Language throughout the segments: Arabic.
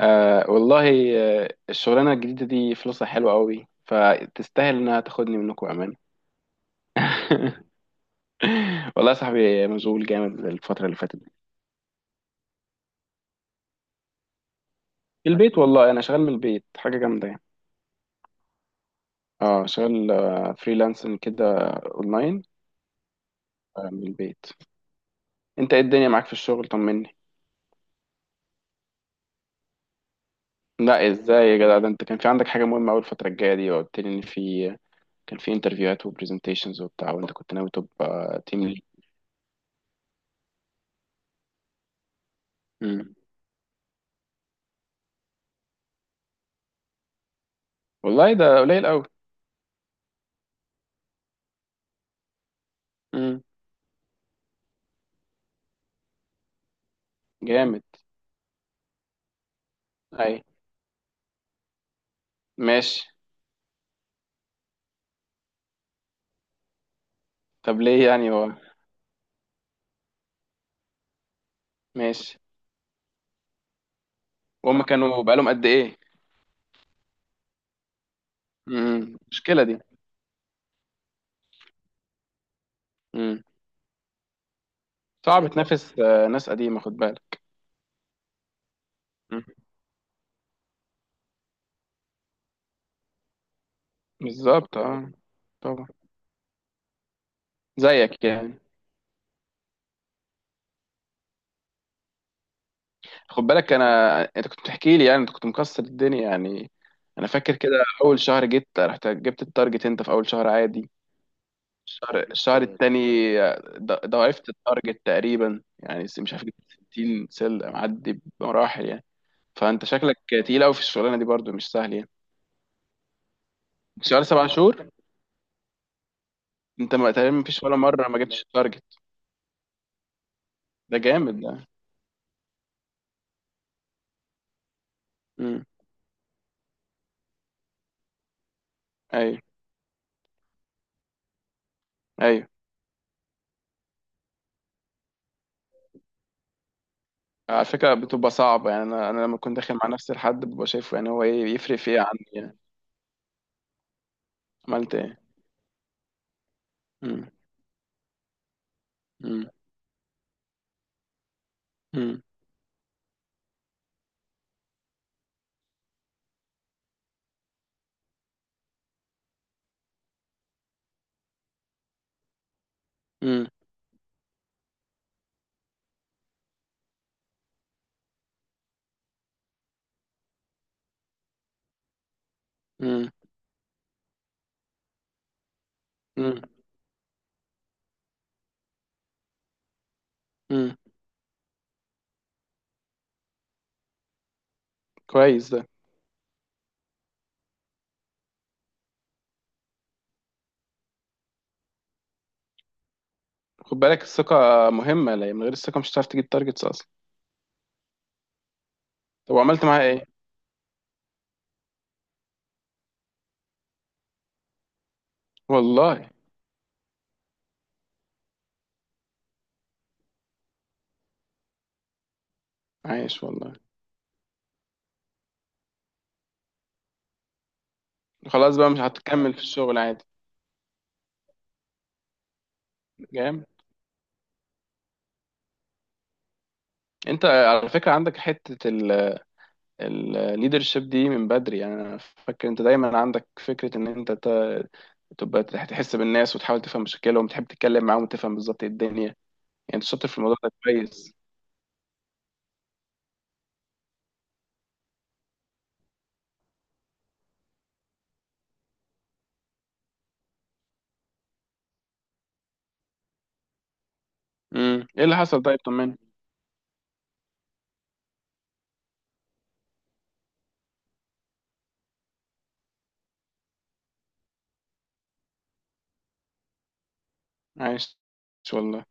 آه والله. آه الشغلانة الجديدة دي فلوسها حلوة قوي فتستاهل انها تاخدني منكم امان. والله يا صاحبي مشغول جامد الفترة اللي فاتت دي. في البيت والله انا شغال من البيت حاجة جامدة يعني. اه شغال فريلانسنج كده اونلاين. من البيت. انت ايه الدنيا معاك في الشغل؟ طمني. لا ازاي يا جدع، ده انت كان في عندك حاجة مهمة اول الفترة الجاية دي، وقلت لي ان في كان في انترفيوهات وبرزنتيشنز وبتاع، وانت كنت ناوي تبقى تيم ليد. والله ده قليل قوي. امم جامد. اي ماشي. طب ليه يعني هو؟ ماشي. وهم كانوا بقالهم قد ايه؟ المشكله دي. امم صعب تنافس ناس قديمه، خد بالك. مم. بالظبط اه. طبعا. زيك يعني. خد بالك، انا انت كنت بتحكي لي، يعني انت كنت مكسر الدنيا يعني. انا فاكر كده. اول شهر جيت رحت جبت التارجت انت في اول شهر عادي. الشهر التاني ضاعفت التارجت تقريبا، يعني مش عارف جبت 60 سلة معدي بمراحل يعني. فانت شكلك تقيل قوي في الشغلانه دي برضو، مش سهل يعني. شغال 7 شهور. انت ما تقريبا، ما فيش ولا مره ما جبتش التارجت. ده جامد ده. امم ايوه ايوه. على فكره بتبقى صعبه يعني، انا لما كنت داخل مع نفسي لحد ببقى شايفه يعني هو ايه يفرق في ايه عني يعني. عملت ايه؟ امم امم امم امم امم امم امم كويس ده. خد بالك، الثقه مهمه. لا، من غير الثقه مش هتعرف تجيب تارجتس اصلا. طب وعملت معاها ايه؟ والله. عايش والله. خلاص بقى مش هتكمل في الشغل عادي. جامد. انت على فكره عندك حته الليدرشيب دي من بدري، يعني انا فاكر انت دايما عندك فكره ان انت تبقى تحس بالناس وتحاول تفهم مشاكلهم وتحب تتكلم معاهم وتفهم بالظبط ايه الدنيا يعني. انت شاطر في الموضوع ده كويس. ايه اللي حصل؟ طيب طمني. عايش والله.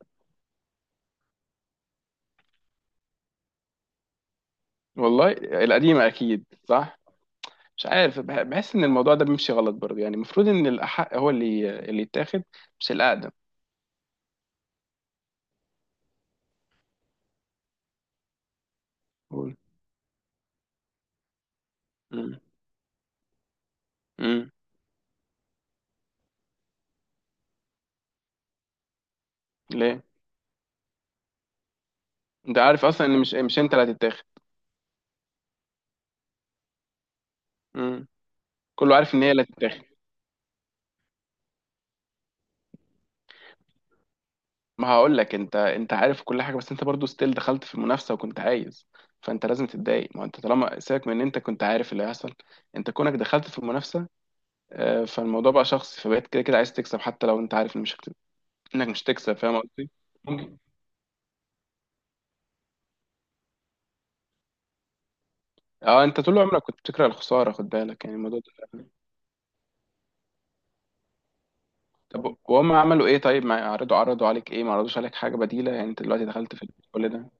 والله. القديمه اكيد، صح. مش عارف، بحس ان الموضوع ده بيمشي غلط برضه، يعني المفروض ان الاحق هو اللي يتاخد، مش الاقدم. قول. امم امم ليه؟ انت عارف اصلا ان مش انت اللي هتتاخد. كله عارف ان هي اللي هتتاخد. ما هقول لك، انت عارف كل حاجه، بس انت برضو ستيل دخلت في المنافسه وكنت عايز. فانت لازم تتضايق، ما انت طالما سيبك من ان انت كنت عارف اللي هيحصل، انت كونك دخلت في المنافسه فالموضوع بقى شخصي، فبقيت كده كده عايز تكسب حتى لو انت عارف ان مش هت- انك مش هتكسب، فاهم قصدي. ممكن. اه، انت طول عمرك كنت بتكره الخساره، خد بالك يعني الموضوع ده. طب وهم عملوا ايه؟ طيب ما عرضوا عليك ايه؟ ما عرضوش عليك حاجه بديله يعني، انت دلوقتي دخلت في كل ده.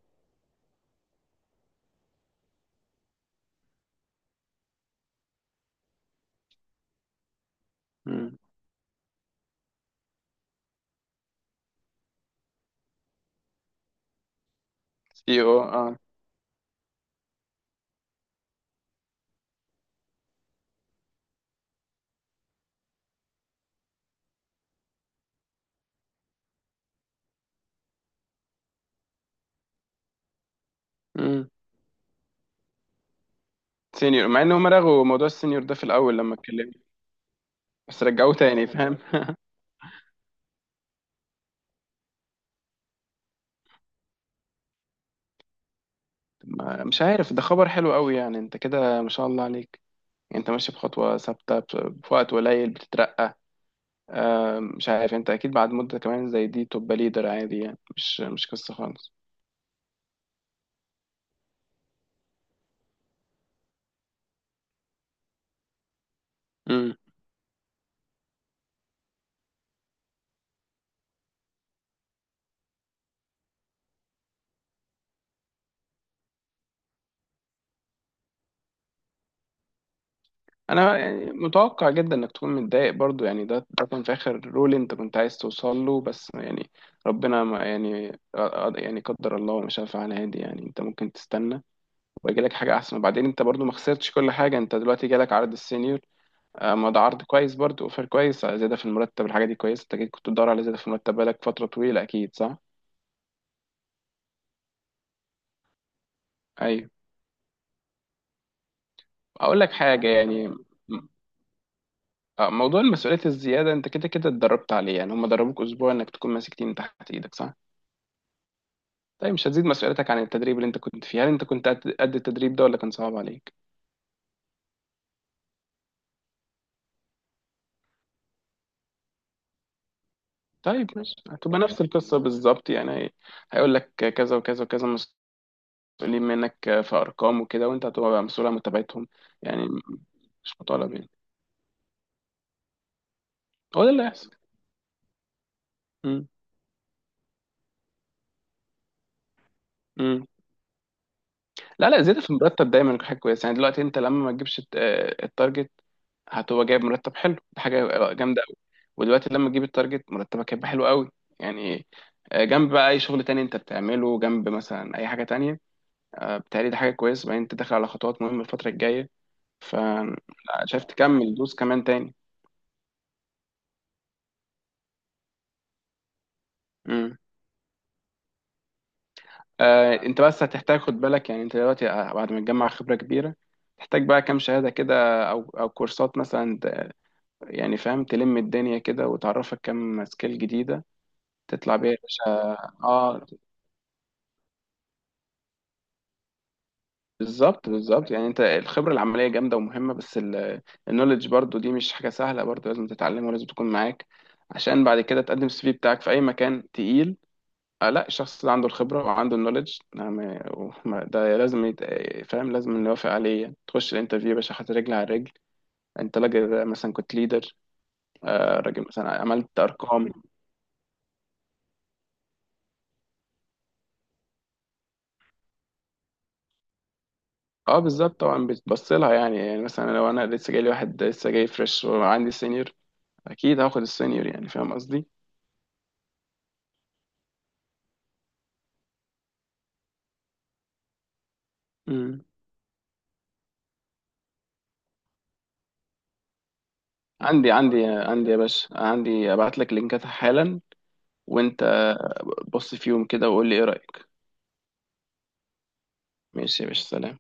سي او. اه سينيور، مع ان هم رغوا موضوع السينيور ده في الاول لما اتكلمنا. بس رجعوه تاني، فاهم. مش عارف، ده خبر حلو قوي يعني، انت كده ما شاء الله عليك، يعني انت ماشي بخطوة ثابتة، في وقت قليل بتترقى. مش عارف، انت اكيد بعد مدة كمان زي دي تبقى ليدر عادي، يعني مش مش قصة خالص. امم انا يعني متوقع جدا انك تكون متضايق برضو، يعني ده كان في اخر رول انت كنت عايز توصل له، بس يعني ربنا ما يعني آه، آه، يعني قدر الله وما شاء فعل، عادي يعني. انت ممكن تستنى ويجي لك حاجه احسن، وبعدين انت برضو ما خسرتش كل حاجه، انت دلوقتي جالك عرض السينيور. ما ده عرض كويس برضو، اوفر كويس، زياده في المرتب، الحاجه دي كويسه. انت أكيد كنت بتدور على زياده في المرتب بقالك فتره طويله، اكيد صح. ايوه. اقول لك حاجه يعني. م- موضوع المسؤوليه الزياده، انت كده كده اتدربت عليه يعني. هم دربوك اسبوع انك تكون ماسك تيم تحت ايدك، صح؟ طيب مش هتزيد مسؤوليتك عن التدريب اللي انت كنت فيه. هل انت كنت قد التدريب ده ولا كان صعب عليك؟ طيب ماشي، هتبقى نفس القصه بالظبط يعني. هيقول لك كذا وكذا وكذا مسؤولين منك في ارقام وكده، وانت هتبقى بقى مسؤول عن متابعتهم. يعني مش مطالب يعني. هو ده اللي هيحصل. مم. مم. لا لا، زيادة في المرتب دايما حاجة كويسة يعني. دلوقتي انت لما ما تجيبش التارجت، هتبقى جايب مرتب حلو، دي حاجة جامدة قوي. ودلوقتي لما تجيب التارجت مرتبك هيبقى حلو قوي يعني. جنب بقى اي شغل تاني انت بتعمله جنب، مثلا اي حاجة تانية. بتهيألي دي حاجة كويسة. بعدين انت داخل على خطوات مهمة الفترة الجاية، فشايف تكمل دوس كمان تاني. انت بس هتحتاج، خد بالك يعني، انت دلوقتي بعد ما تجمع خبرة كبيرة تحتاج بقى كام شهادة كده، او او كورسات مثلا، يعني فاهم، تلم الدنيا كده وتعرفك كام سكيل جديدة تطلع بيها يا باشا. اه بالظبط بالظبط. يعني انت الخبرة العملية جامدة ومهمة، بس النولج برضو دي مش حاجة سهلة برضو، لازم تتعلمها ولازم تكون معاك، عشان بعد كده تقدم السي في بتاعك في اي مكان تقيل. آه لا، الشخص اللي عنده الخبرة وعنده النولج، نعم. ده لازم يت... فاهم، لازم نوافق عليه يعني. تخش الانترفيو يا باشا حاطط رجل على رجل. انت راجل مثلا كنت ليدر، آه راجل مثلا عملت ارقام. اه بالظبط طبعا بتبص لها يعني. يعني مثلا لو انا لسه جاي لي واحد لسه جاي فريش، وعندي سينيور، اكيد هاخد السينيور، يعني فاهم قصدي. مم. عندي يا باشا، عندي، ابعت لك لينكات حالا. وانت بص فيهم كده وقول لي ايه رأيك. ماشي يا باشا، سلام.